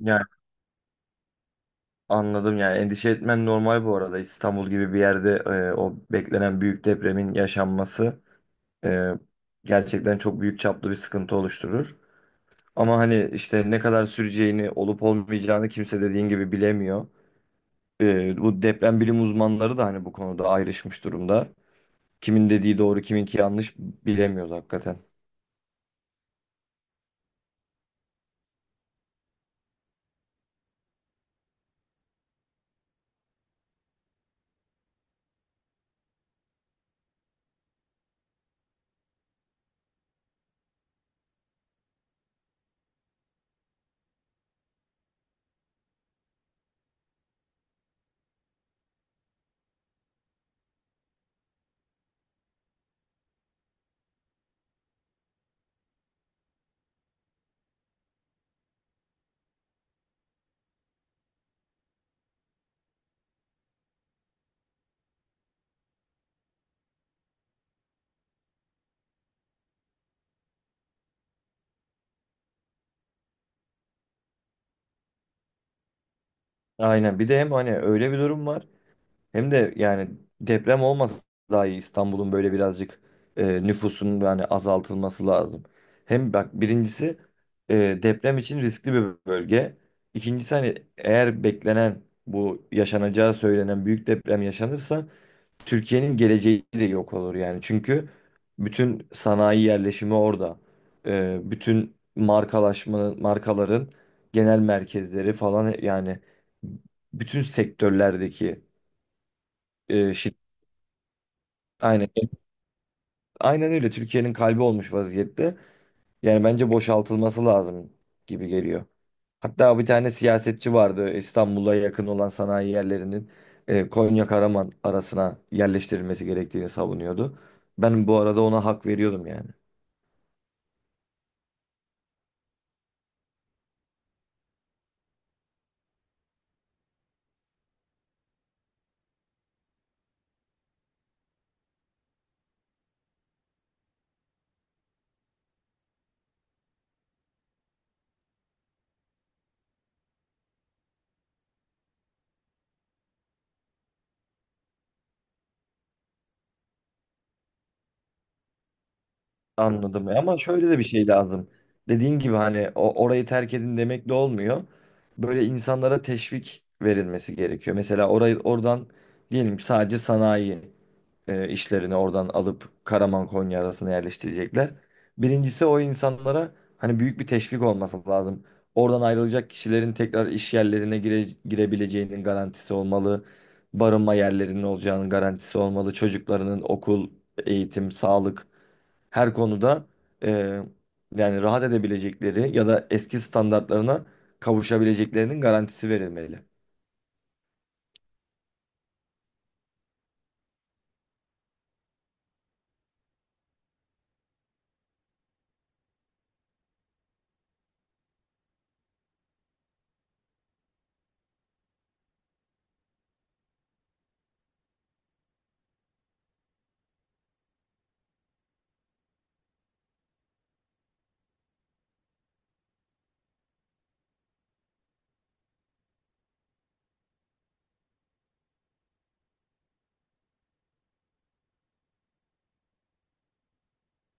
Yani anladım, endişe etmen normal. Bu arada İstanbul gibi bir yerde o beklenen büyük depremin yaşanması e, gerçekten çok büyük çaplı bir sıkıntı oluşturur. Ama hani işte ne kadar süreceğini, olup olmayacağını kimse dediğin gibi bilemiyor. Bu deprem bilim uzmanları da hani bu konuda ayrışmış durumda. Kimin dediği doğru, kiminki yanlış bilemiyoruz hakikaten. Aynen, bir de hem hani öyle bir durum var. Hem de deprem olmasa daha iyi. İstanbul'un böyle birazcık nüfusun azaltılması lazım. Hem bak, birincisi e, deprem için riskli bir bölge. İkincisi hani eğer beklenen, bu yaşanacağı söylenen büyük deprem yaşanırsa Türkiye'nin geleceği de yok olur yani. Çünkü bütün sanayi yerleşimi orada. Bütün markalaşma, markaların genel merkezleri falan, yani bütün sektörlerdeki şirketler. Aynen, evet. Aynen öyle. Türkiye'nin kalbi olmuş vaziyette. Yani bence boşaltılması lazım gibi geliyor. Hatta bir tane siyasetçi vardı, İstanbul'a yakın olan sanayi yerlerinin Konya Karaman arasına yerleştirilmesi gerektiğini savunuyordu. Ben bu arada ona hak veriyordum yani. Anladım. Ama şöyle de bir şey lazım. Dediğin gibi hani orayı terk edin demek de olmuyor. Böyle insanlara teşvik verilmesi gerekiyor. Mesela orayı, oradan diyelim ki sadece sanayi, işlerini oradan alıp Karaman Konya arasına yerleştirecekler. Birincisi o insanlara hani büyük bir teşvik olması lazım. Oradan ayrılacak kişilerin tekrar iş yerlerine girebileceğinin garantisi olmalı. Barınma yerlerinin olacağının garantisi olmalı. Çocuklarının okul, eğitim, sağlık, her konuda e, yani rahat edebilecekleri ya da eski standartlarına kavuşabileceklerinin garantisi verilmeli.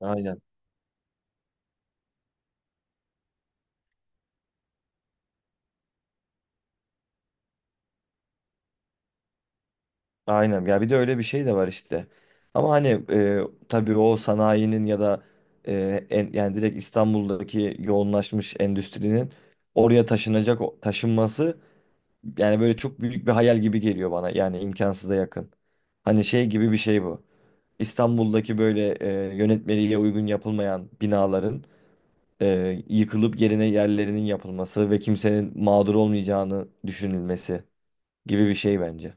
Aynen. Aynen ya, bir de öyle bir şey de var işte. Ama hani tabii o sanayinin ya da yani direkt İstanbul'daki yoğunlaşmış endüstrinin oraya taşınacak taşınması, yani böyle çok büyük bir hayal gibi geliyor bana. Yani imkansıza yakın. Hani şey gibi bir şey bu. İstanbul'daki böyle yönetmeliğe uygun yapılmayan binaların yıkılıp yerine yerlerinin yapılması ve kimsenin mağdur olmayacağını düşünülmesi gibi bir şey bence.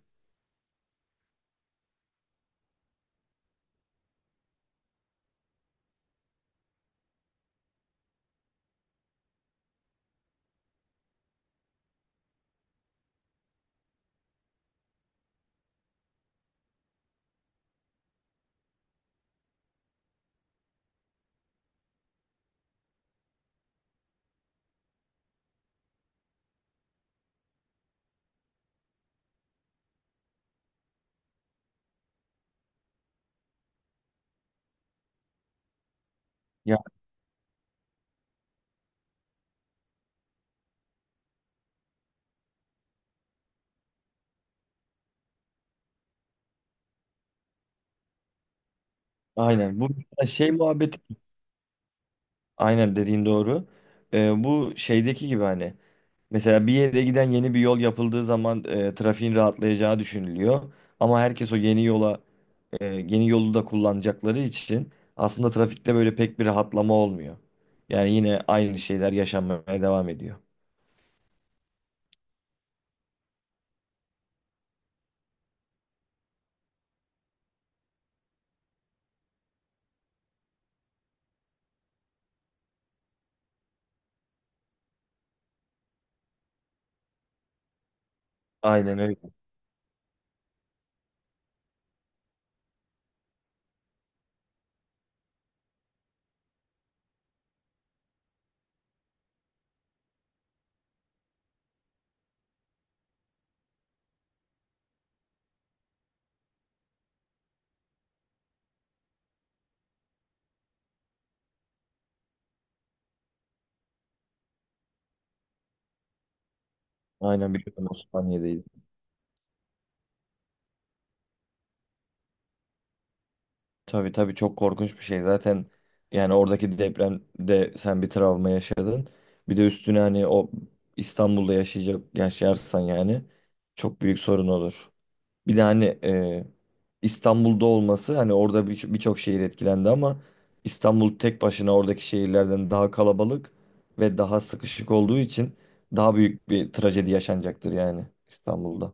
Ya aynen, bu şey muhabbeti. Aynen, dediğin doğru. Bu şeydeki gibi hani mesela bir yere giden yeni bir yol yapıldığı zaman trafiğin rahatlayacağı düşünülüyor. Ama herkes o yeni yola e, yeni yolu da kullanacakları için aslında trafikte böyle pek bir rahatlama olmuyor. Yani yine aynı şeyler yaşanmaya devam ediyor. Aynen öyle. Aynen, biliyorum, Osmaniye'deyiz. Tabii, tabii, çok korkunç bir şey. Zaten yani oradaki depremde sen bir travma yaşadın. Bir de üstüne hani o İstanbul'da yaşayacak, yaşarsan yani çok büyük sorun olur. Bir de hani İstanbul'da olması, hani orada birçok şehir etkilendi ama İstanbul tek başına oradaki şehirlerden daha kalabalık ve daha sıkışık olduğu için daha büyük bir trajedi yaşanacaktır yani İstanbul'da.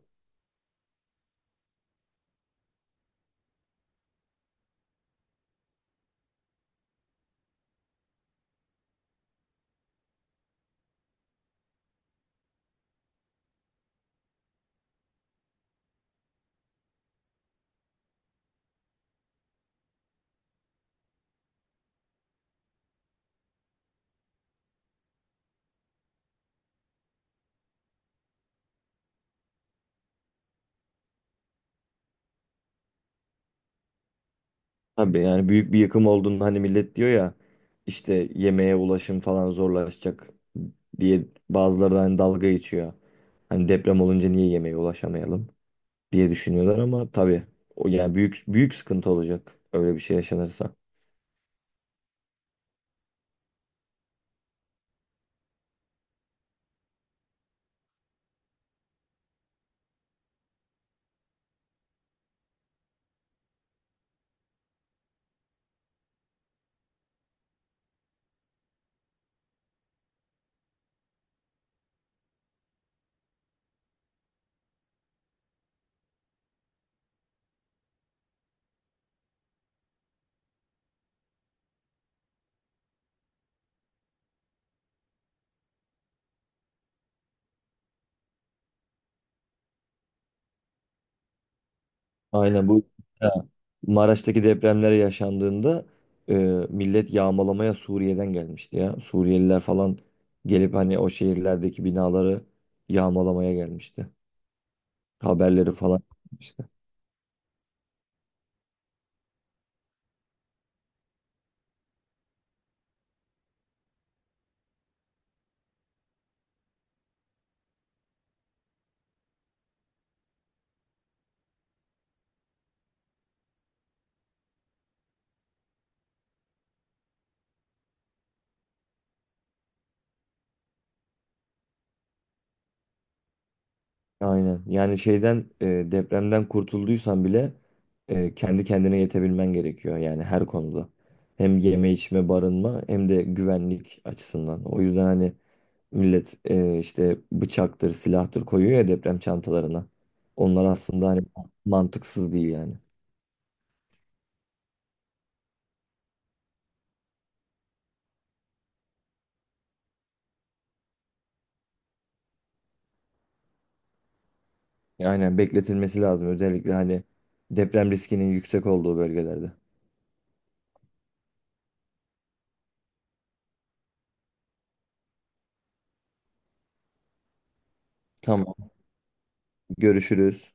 Tabii yani büyük bir yıkım olduğunda hani millet diyor ya, işte yemeğe ulaşım falan zorlaşacak diye, bazıları da hani dalga geçiyor. Hani deprem olunca niye yemeğe ulaşamayalım diye düşünüyorlar, ama tabii o, yani büyük büyük sıkıntı olacak öyle bir şey yaşanırsa. Aynen, bu Maraş'taki depremler yaşandığında e, millet yağmalamaya Suriye'den gelmişti ya. Suriyeliler falan gelip hani o şehirlerdeki binaları yağmalamaya gelmişti. Haberleri falan işte. Aynen. Yani şeyden, depremden kurtulduysan bile kendi kendine yetebilmen gerekiyor yani her konuda. Hem yeme, içme, barınma, hem de güvenlik açısından. O yüzden hani millet işte bıçaktır, silahtır koyuyor ya deprem çantalarına. Onlar aslında hani mantıksız değil yani. Aynen, bekletilmesi lazım, özellikle hani deprem riskinin yüksek olduğu bölgelerde. Tamam, görüşürüz.